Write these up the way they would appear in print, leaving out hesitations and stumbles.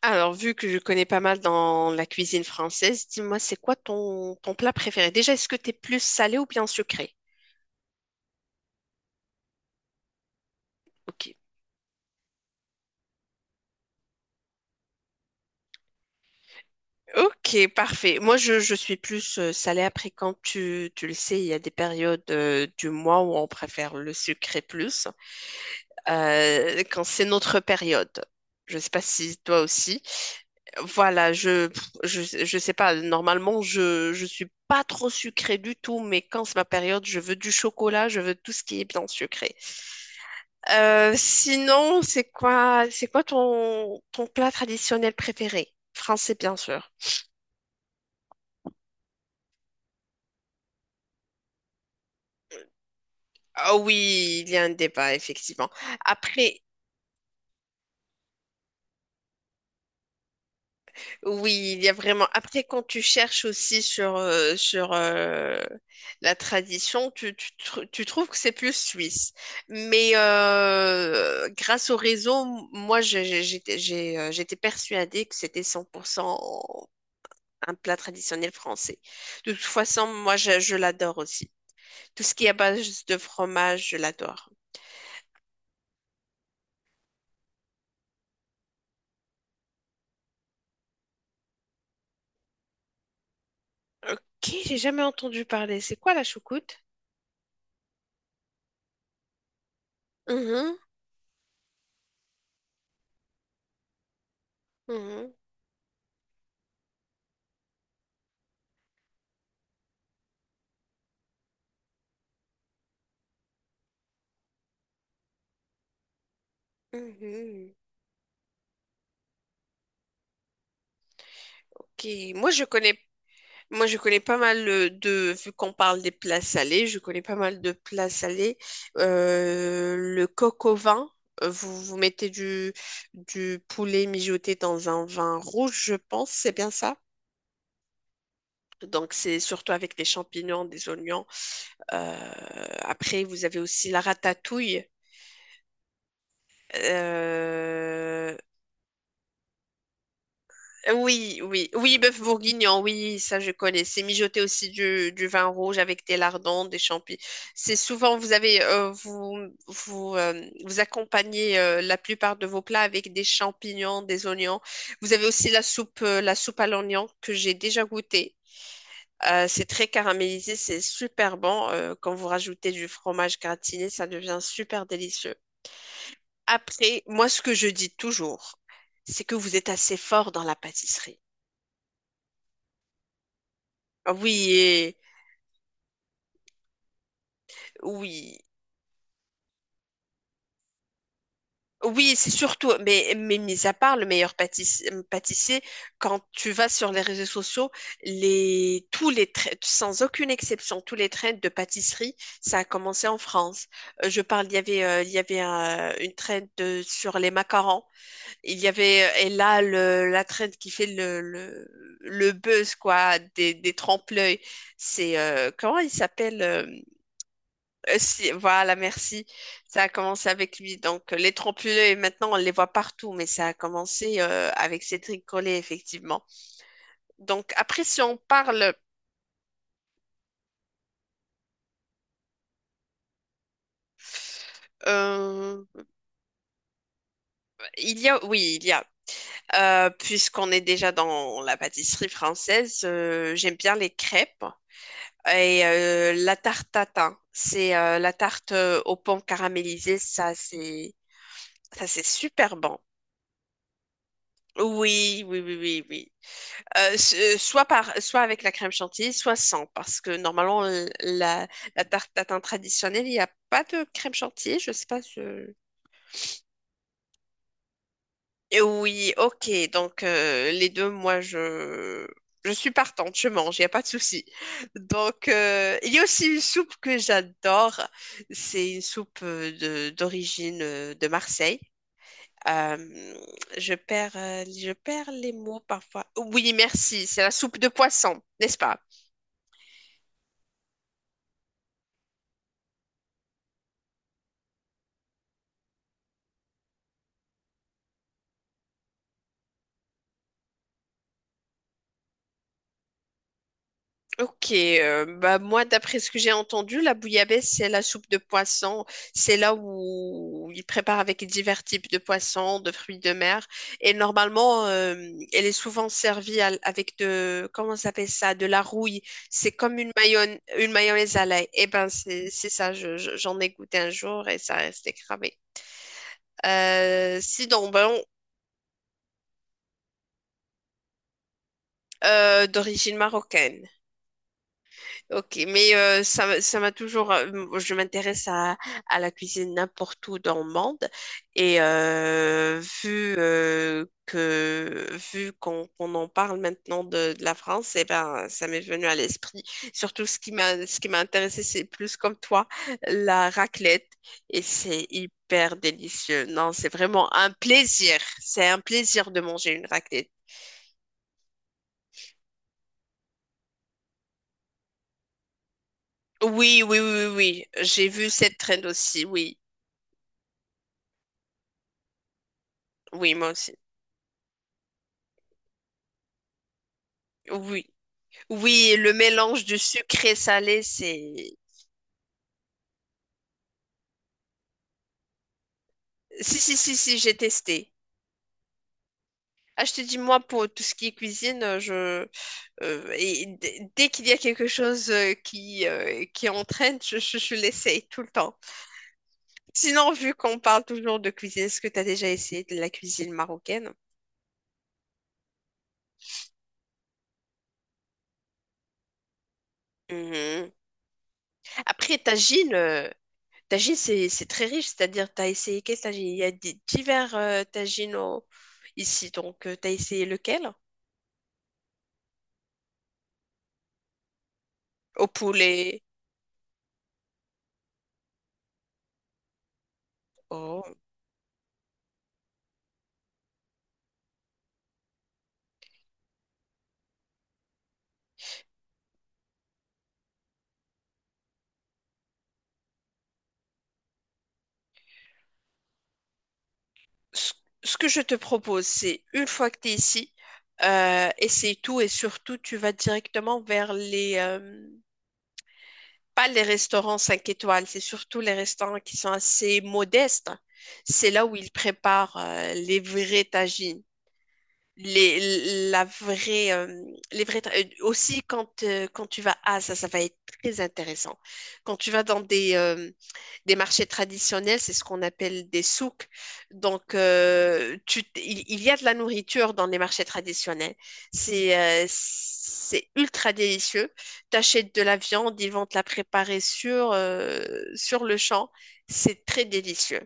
Alors, vu que je connais pas mal dans la cuisine française, dis-moi, c'est quoi ton plat préféré? Déjà, est-ce que t'es plus salé ou bien sucré? Ok. Ok, parfait. Moi, je suis plus salée. Après, quand tu le sais, il y a des périodes du mois où on préfère le sucré plus, quand c'est notre période. Je sais pas si toi aussi. Voilà, je sais pas. Normalement, je suis pas trop sucrée du tout, mais quand c'est ma période, je veux du chocolat, je veux tout ce qui est bien sucré. Sinon, c'est quoi ton plat traditionnel préféré? Français, bien sûr. Ah oui, il y a un débat, effectivement. Après, oui, il y a vraiment. Après, quand tu cherches aussi sur, sur la tradition, tu trouves que c'est plus suisse. Mais grâce au réseau, moi, j'étais persuadée que c'était 100% un plat traditionnel français. De toute façon, moi, je l'adore aussi. Tout ce qui est à base de fromage, je l'adore. Ok, j'ai jamais entendu parler. C'est quoi la choucroute? Mhm, mhm, mhm. Ok, moi je connais, moi je connais pas mal de, vu qu'on parle des plats salés, je connais pas mal de plats salés. Le coq au vin, vous vous mettez du poulet mijoté dans un vin rouge, je pense, c'est bien ça? Donc c'est surtout avec des champignons, des oignons. Euh, Après vous avez aussi la ratatouille. Euh, Oui, oui, oui, bœuf bourguignon, oui, ça je connais. C'est mijoter aussi du vin rouge avec des lardons, des champignons. C'est souvent, vous avez, vous accompagnez la plupart de vos plats avec des champignons, des oignons. Vous avez aussi la soupe à l'oignon que j'ai déjà goûtée. C'est très caramélisé, c'est super bon. Quand vous rajoutez du fromage gratiné, ça devient super délicieux. Après, moi, ce que je dis toujours, c'est que vous êtes assez fort dans la pâtisserie. Oui, et oui, oui, c'est surtout, mais mis à part le pâtissier, quand tu vas sur les réseaux sociaux, les, tous les traits, sans aucune exception, tous les trends de pâtisserie, ça a commencé en France. Je parle, il y avait une sur les macarons. Il y avait et là la trend qui fait le buzz quoi des trempe-l'œil c'est comment il s'appelle voilà merci ça a commencé avec lui donc les trempe-l'œil maintenant on les voit partout mais ça a commencé avec Cédric Collet effectivement donc après si on parle euh, il y a puisqu'on est déjà dans la pâtisserie française j'aime bien les crêpes. Et la tarte tatin, c'est la tarte aux pommes caramélisées, ça c'est, ça c'est super bon. Oui, oui, oui, oui, oui. Soit par soit avec la crème chantilly, soit sans, parce que normalement la, la tarte tatin traditionnelle, il n'y a pas de crème chantilly. Je sais pas, et oui, ok. Donc, les deux, moi, je suis partante, je mange, il n'y a pas de souci. Donc, il y a aussi une soupe que j'adore. C'est une soupe d'origine de Marseille. Euh, je perds les mots parfois. Oui, merci. C'est la soupe de poisson, n'est-ce pas? Ok, bah moi, d'après ce que j'ai entendu, la bouillabaisse, c'est la soupe de poisson. C'est là où ils préparent avec divers types de poissons, de fruits de mer. Et normalement, elle est souvent avec de, comment ça s'appelle ça, de la rouille. C'est comme une mayonnaise à l'ail. Eh ben, c'est ça, j'en ai goûté un jour et ça restait cramé. Euh, sinon, bon, D'origine marocaine. Ok, mais ça, ça m'a toujours. Je m'intéresse à la cuisine n'importe où dans le monde. Et vu qu'on en parle maintenant de la France, eh ben, ça m'est venu à l'esprit. Surtout ce qui m'a intéressé, c'est plus comme toi, la raclette. Et c'est hyper délicieux. Non, c'est vraiment un plaisir. C'est un plaisir de manger une raclette. Oui, oui, oui, oui. Oui. J'ai vu cette trend aussi. Oui, oui, moi aussi. Oui. Oui, le mélange de sucré salé, c'est... Si, si, si, si, j'ai testé. Ah, je te dis, moi, pour tout ce qui est cuisine, dès qu'il y a quelque chose qui entraîne, je l'essaye tout le temps. Sinon, vu qu'on parle toujours de cuisine, est-ce que tu as déjà essayé de la cuisine marocaine? Mhm. Après, tagine, c'est très riche, c'est-à-dire, tu as essayé quel tagine? Il y a divers tagines ici, donc, tu as essayé lequel? Au poulet. ce Ce que je te propose, c'est une fois que tu es ici, essaye tout et surtout, tu vas directement vers les, pas les restaurants 5 étoiles, c'est surtout les restaurants qui sont assez modestes. C'est là où ils préparent les vraies tagines. La vraie, aussi quand, quand tu vas, ah ça, ça va être très intéressant. Quand tu vas dans des marchés traditionnels, c'est ce qu'on appelle des souks. Donc, il y a de la nourriture dans les marchés traditionnels. C'est ultra délicieux. Tu achètes de la viande, ils vont te la préparer sur, sur le champ. C'est très délicieux.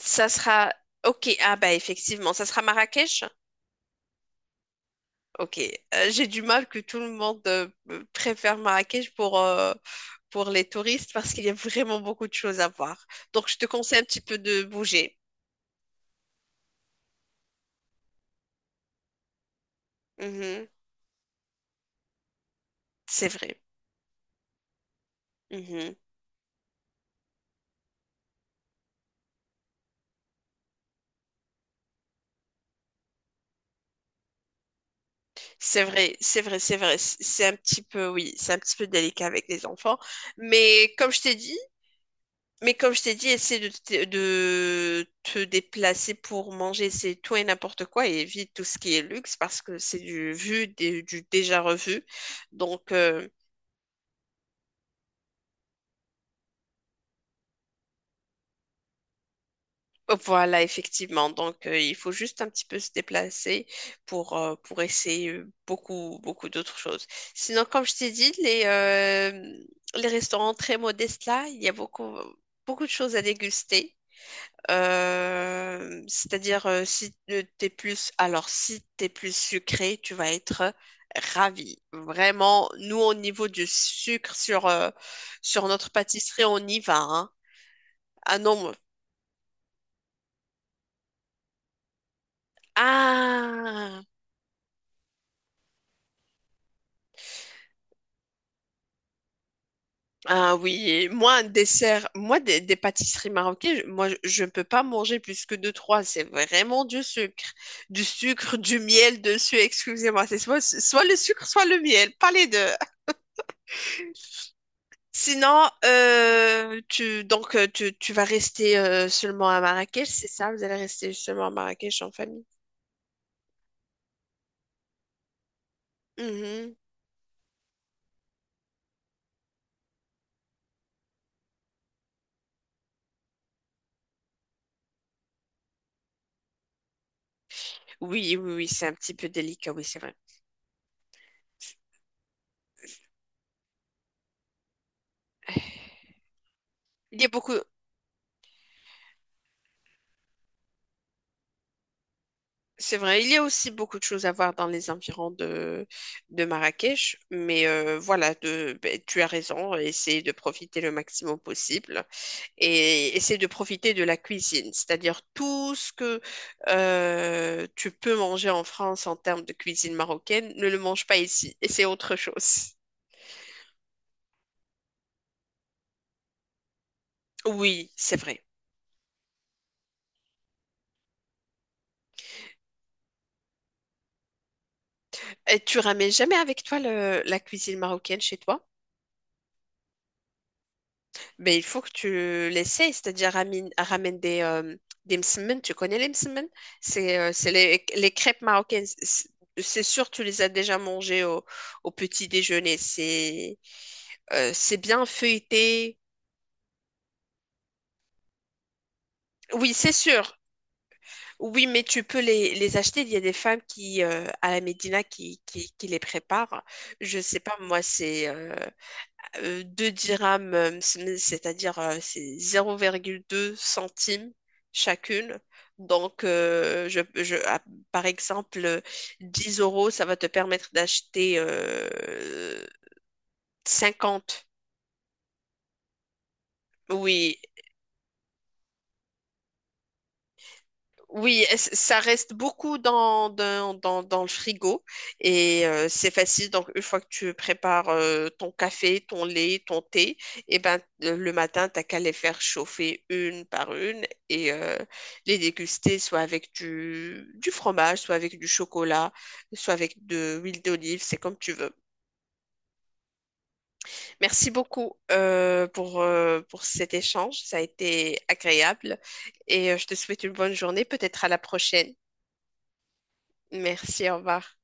Ça sera, ok, ah bah effectivement, ça sera Marrakech. Ok, j'ai du mal que tout le monde préfère Marrakech pour les touristes parce qu'il y a vraiment beaucoup de choses à voir. Donc, je te conseille un petit peu de bouger. Mhm. C'est vrai. Mhm. C'est vrai, c'est vrai, c'est vrai. C'est un petit peu, oui, c'est un petit peu délicat avec les enfants. Mais comme je t'ai dit, mais comme je t'ai dit, essaie de, de te déplacer pour manger, c'est tout et n'importe quoi et évite tout ce qui est luxe parce que c'est du vu, du déjà revu. Donc, euh, Voilà, effectivement. Donc, il faut juste un petit peu se déplacer pour essayer beaucoup, beaucoup d'autres choses. Sinon, comme je t'ai dit, les restaurants très modestes là, il y a beaucoup, beaucoup de choses à déguster. C'est-à-dire, si t'es plus, alors si t'es plus sucré, tu vas être ravi. Vraiment, nous, au niveau du sucre sur, sur notre pâtisserie, on y va, hein. Ah non, moi, ah! Ah oui, et moi, un dessert, moi, des pâtisseries marocaines, je ne peux pas manger plus que deux, trois. C'est vraiment du sucre. Du sucre, du miel dessus, excusez-moi. C'est soit, soit le sucre, soit le miel, pas les deux. Sinon, tu vas rester seulement à Marrakech, c'est ça? Vous allez rester seulement à Marrakech en famille? Mhm. Oui, oui, oui, c'est un petit peu délicat, oui, c'est vrai. Il y a beaucoup. C'est vrai, il y a aussi beaucoup de choses à voir dans les environs de Marrakech, mais voilà, de, ben, tu as raison, essayer de profiter le maximum possible et essayer de profiter de la cuisine, c'est-à-dire tout ce que tu peux manger en France en termes de cuisine marocaine, ne le mange pas ici, et c'est autre chose. Oui, c'est vrai. Et tu ramènes jamais avec toi la cuisine marocaine chez toi? Mais il faut que tu l'essayes, c'est-à-dire ramène, ramène des msemen. Tu connais les msemen? C'est les crêpes marocaines. C'est sûr, tu les as déjà mangées au, au petit déjeuner. C'est bien feuilleté. Oui, c'est sûr. Oui, mais tu peux les acheter. Il y a des femmes qui, à la Médina qui les préparent. Je sais pas, moi, c'est. 2 dirhams, c'est-à-dire c'est 0,2 centimes chacune. Donc, par exemple, 10 euros, ça va te permettre d'acheter 50. Oui, oui, ça reste beaucoup dans, dans, dans, dans le frigo et c'est facile. Donc, une fois que tu prépares ton café, ton lait, ton thé, et ben, le matin, t'as qu'à les faire chauffer une par une et les déguster soit avec du fromage, soit avec du chocolat, soit avec de l'huile d'olive, c'est comme tu veux. Merci beaucoup pour cet échange, ça a été agréable et je te souhaite une bonne journée, peut-être à la prochaine. Merci, au revoir.